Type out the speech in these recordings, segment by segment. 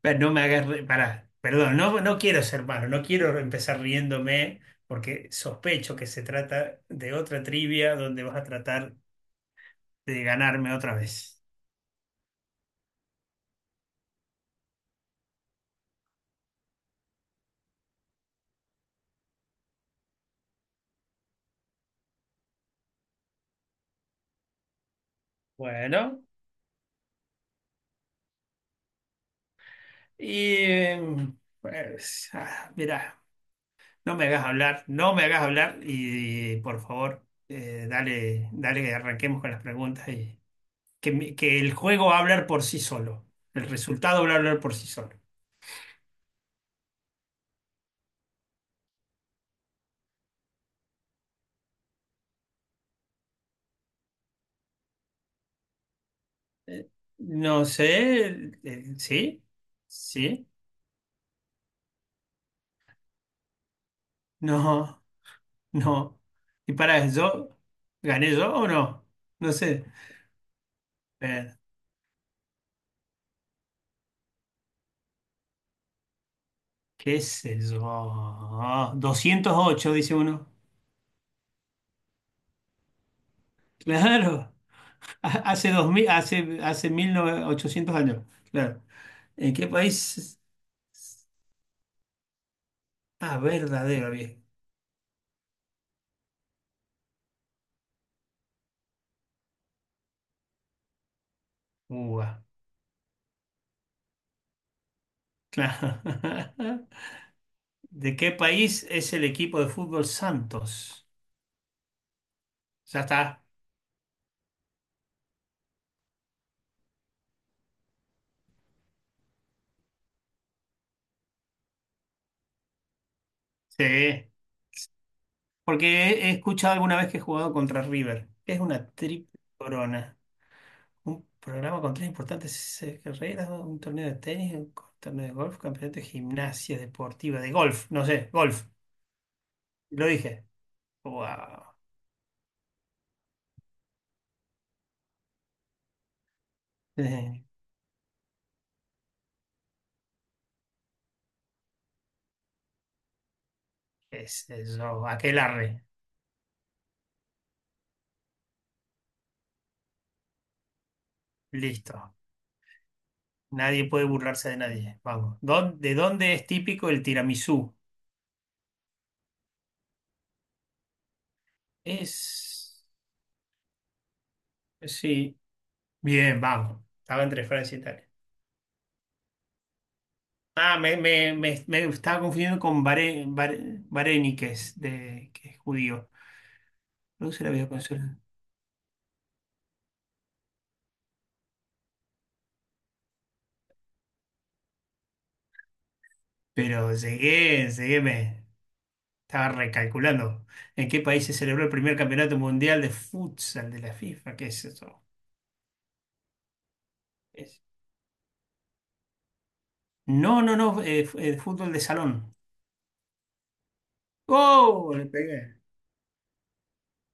Pero no me hagas pará, perdón, no, no quiero ser malo, no quiero empezar riéndome porque sospecho que se trata de otra trivia donde vas a tratar de ganarme otra vez. Bueno, y pues, mirá, no me hagas hablar, no me hagas hablar y, por favor, dale, dale que arranquemos con las preguntas y que el juego va a hablar por sí solo, el resultado va a hablar por sí solo. No sé, ¿sí? ¿Sí? No, no. Y para, ¿yo gané yo o no? No sé. Eh, ¿Qué sé yo? 208 dice uno. Claro. Hace 1800 años. Claro. ¿En qué país? Ah, verdadero, bien. Uva. Claro. ¿De qué país es el equipo de fútbol Santos? Ya está. Sí. Porque he escuchado alguna vez que he jugado contra River. Es una triple corona. Un programa con tres importantes carreras, ¿no? Un torneo de tenis, un torneo de golf, campeonato de gimnasia deportiva, de golf, no sé, golf, lo dije. Wow. Eh, ¿Qué es eso? Aquelarre, listo. Nadie puede burlarse de nadie. Vamos. ¿De dónde es típico el tiramisú? Es... Sí. Bien, vamos. Estaba entre Francia y Italia. Ah, me estaba confundiendo con Vareniques, de, que es judío. Produce la había. Pero llegué, me estaba recalculando en qué país se celebró el primer campeonato mundial de futsal de la FIFA. ¿Qué es eso? ¿Es? No, no, no, fútbol de salón. ¡Oh! Le pegué.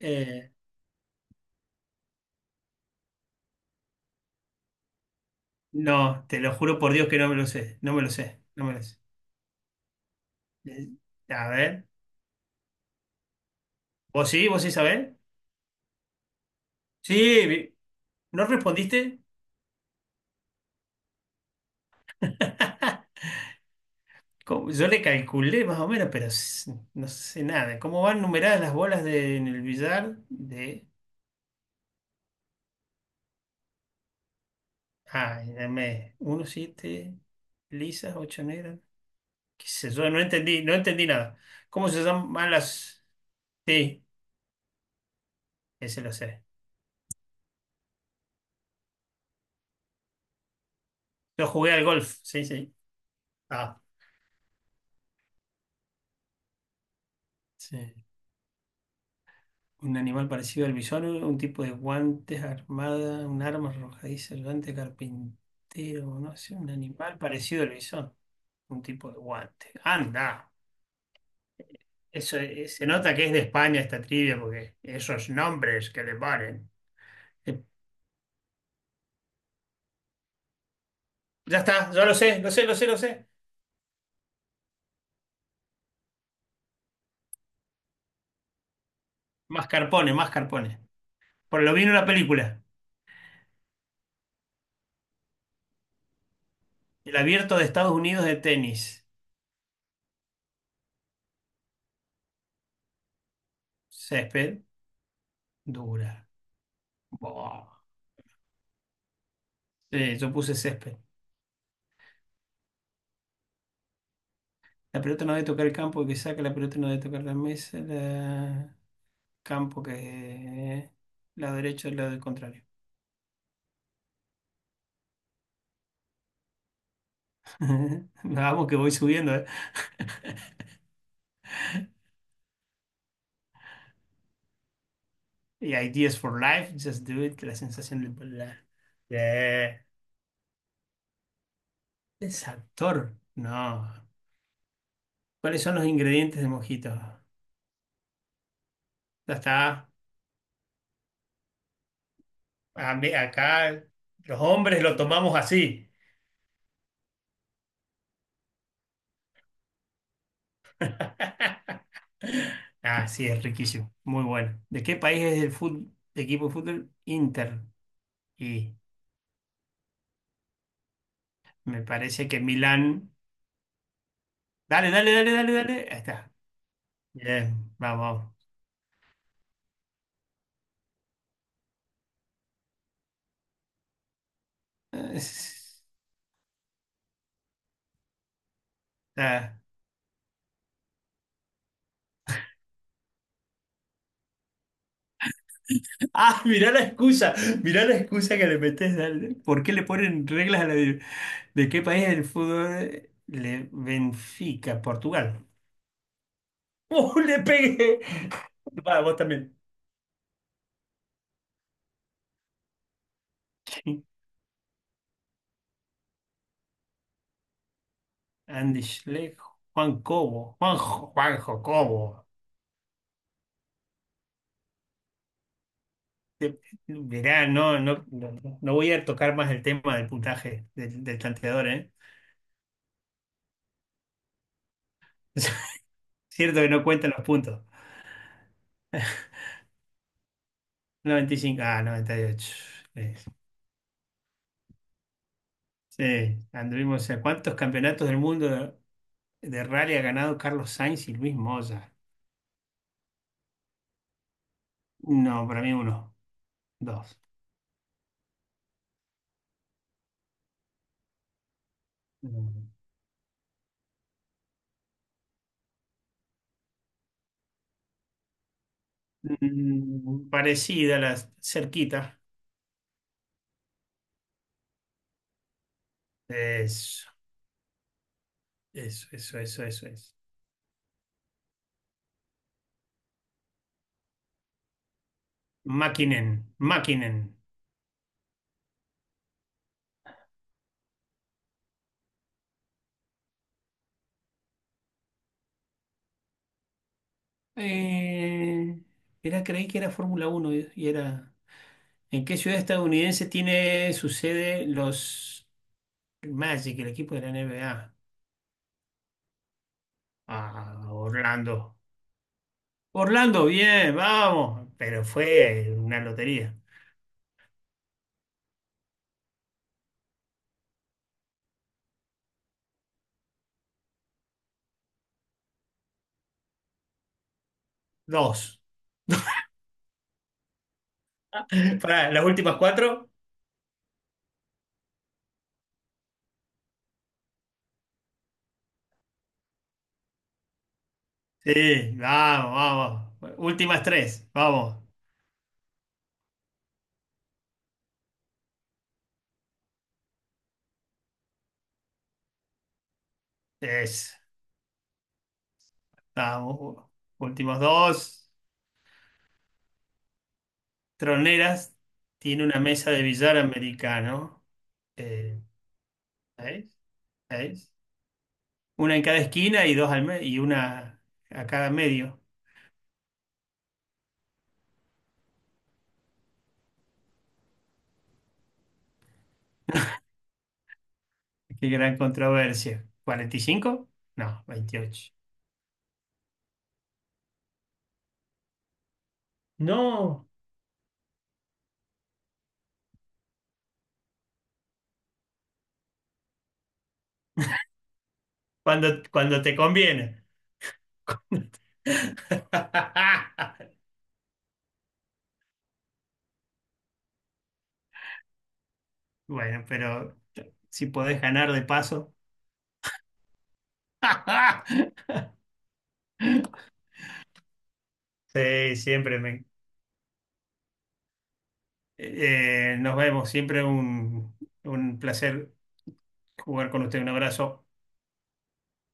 Eh, no, te lo juro por Dios que no me lo sé, no me lo sé, no me lo sé. Eh, a ver, ¿vos sí? ¿Vos sí sabés? Sí, vi- ¿No respondiste? ¿Cómo? Yo le calculé más o menos, pero no sé nada. ¿Cómo van numeradas las bolas en el billar de dame uno siete lisas, ocho negras. ¿Qué sé yo? No entendí, no entendí nada. ¿Cómo se llaman las? Sí, ese lo sé. Yo jugué al golf, sí, sí. Ah, sí. Un animal parecido al bisón, un tipo de guantes armada, un arma arrojadiza, el guante carpintero, no sé, un animal parecido al bisón, un tipo de guante. Anda, se nota que es de España esta trivia porque esos nombres que le ponen. Eh, Ya está, yo lo sé, lo sé, lo sé, lo sé. Mascarpone, Mascarpone. Por lo vi en una película. El abierto de Estados Unidos de tenis. Césped dura. Buah. Sí, yo puse césped. La pelota no debe tocar el campo que saca, la pelota no debe tocar la mesa, la... Campo que... Lado derecho, el lado del contrario. Vamos que voy subiendo, ¿eh? Y Ideas for Life, Just Do It, la sensación de... Volar. Yeah. Es actor. No. ¿Cuáles son los ingredientes de mojito? Ya está. Acá los hombres lo tomamos así. Ah, sí, es riquísimo. Muy bueno. ¿De qué país es el equipo de fútbol? Inter. Y me parece que Milán. Dale, dale, dale, dale, dale. Ahí está. Bien, vamos. Es- Ah, Ah, mirá la excusa. Mirá la excusa que le metés. Dale. ¿Por qué le ponen reglas a la...? ¿De qué país es el fútbol? Le... Benfica, Portugal. ¡Uh, le pegué! Va, vos también. Andy Schleck, Juan Cobo, Juanjo, Juanjo Cobo. Te- Mirá, no, no, no, no voy a tocar más el tema del puntaje del tanteador, ¿eh? Cierto que no cuentan los puntos. 95, ah, 98. Eh, Sí, anduvimos, o sea, ¿cuántos campeonatos del mundo de rally ha ganado Carlos Sainz y Luis Moya? No, para mí uno, dos. Mm, parecida, la cerquita. Eso, eso es. Mäkkinen, Mäkkinen. Eh, era, creí que era Fórmula uno y era... ¿En qué ciudad estadounidense tiene su sede los Magic, el equipo de la NBA? Ah, Orlando. Orlando, bien, vamos. Pero fue una lotería. Dos. Para las últimas cuatro. Sí, vamos, vamos. Últimas tres, vamos. Es, vamos. Últimos dos. Troneras tiene una mesa de billar americano. eh, ¿Sabés? ¿Sabés? Una en cada esquina y dos al y una a cada medio. Qué gran controversia. ¿45? No, veintiocho. No, cuando, cuando te conviene. Bueno, pero si podés ganar de paso. Sí, siempre me... nos vemos, siempre un placer jugar con usted. Un abrazo.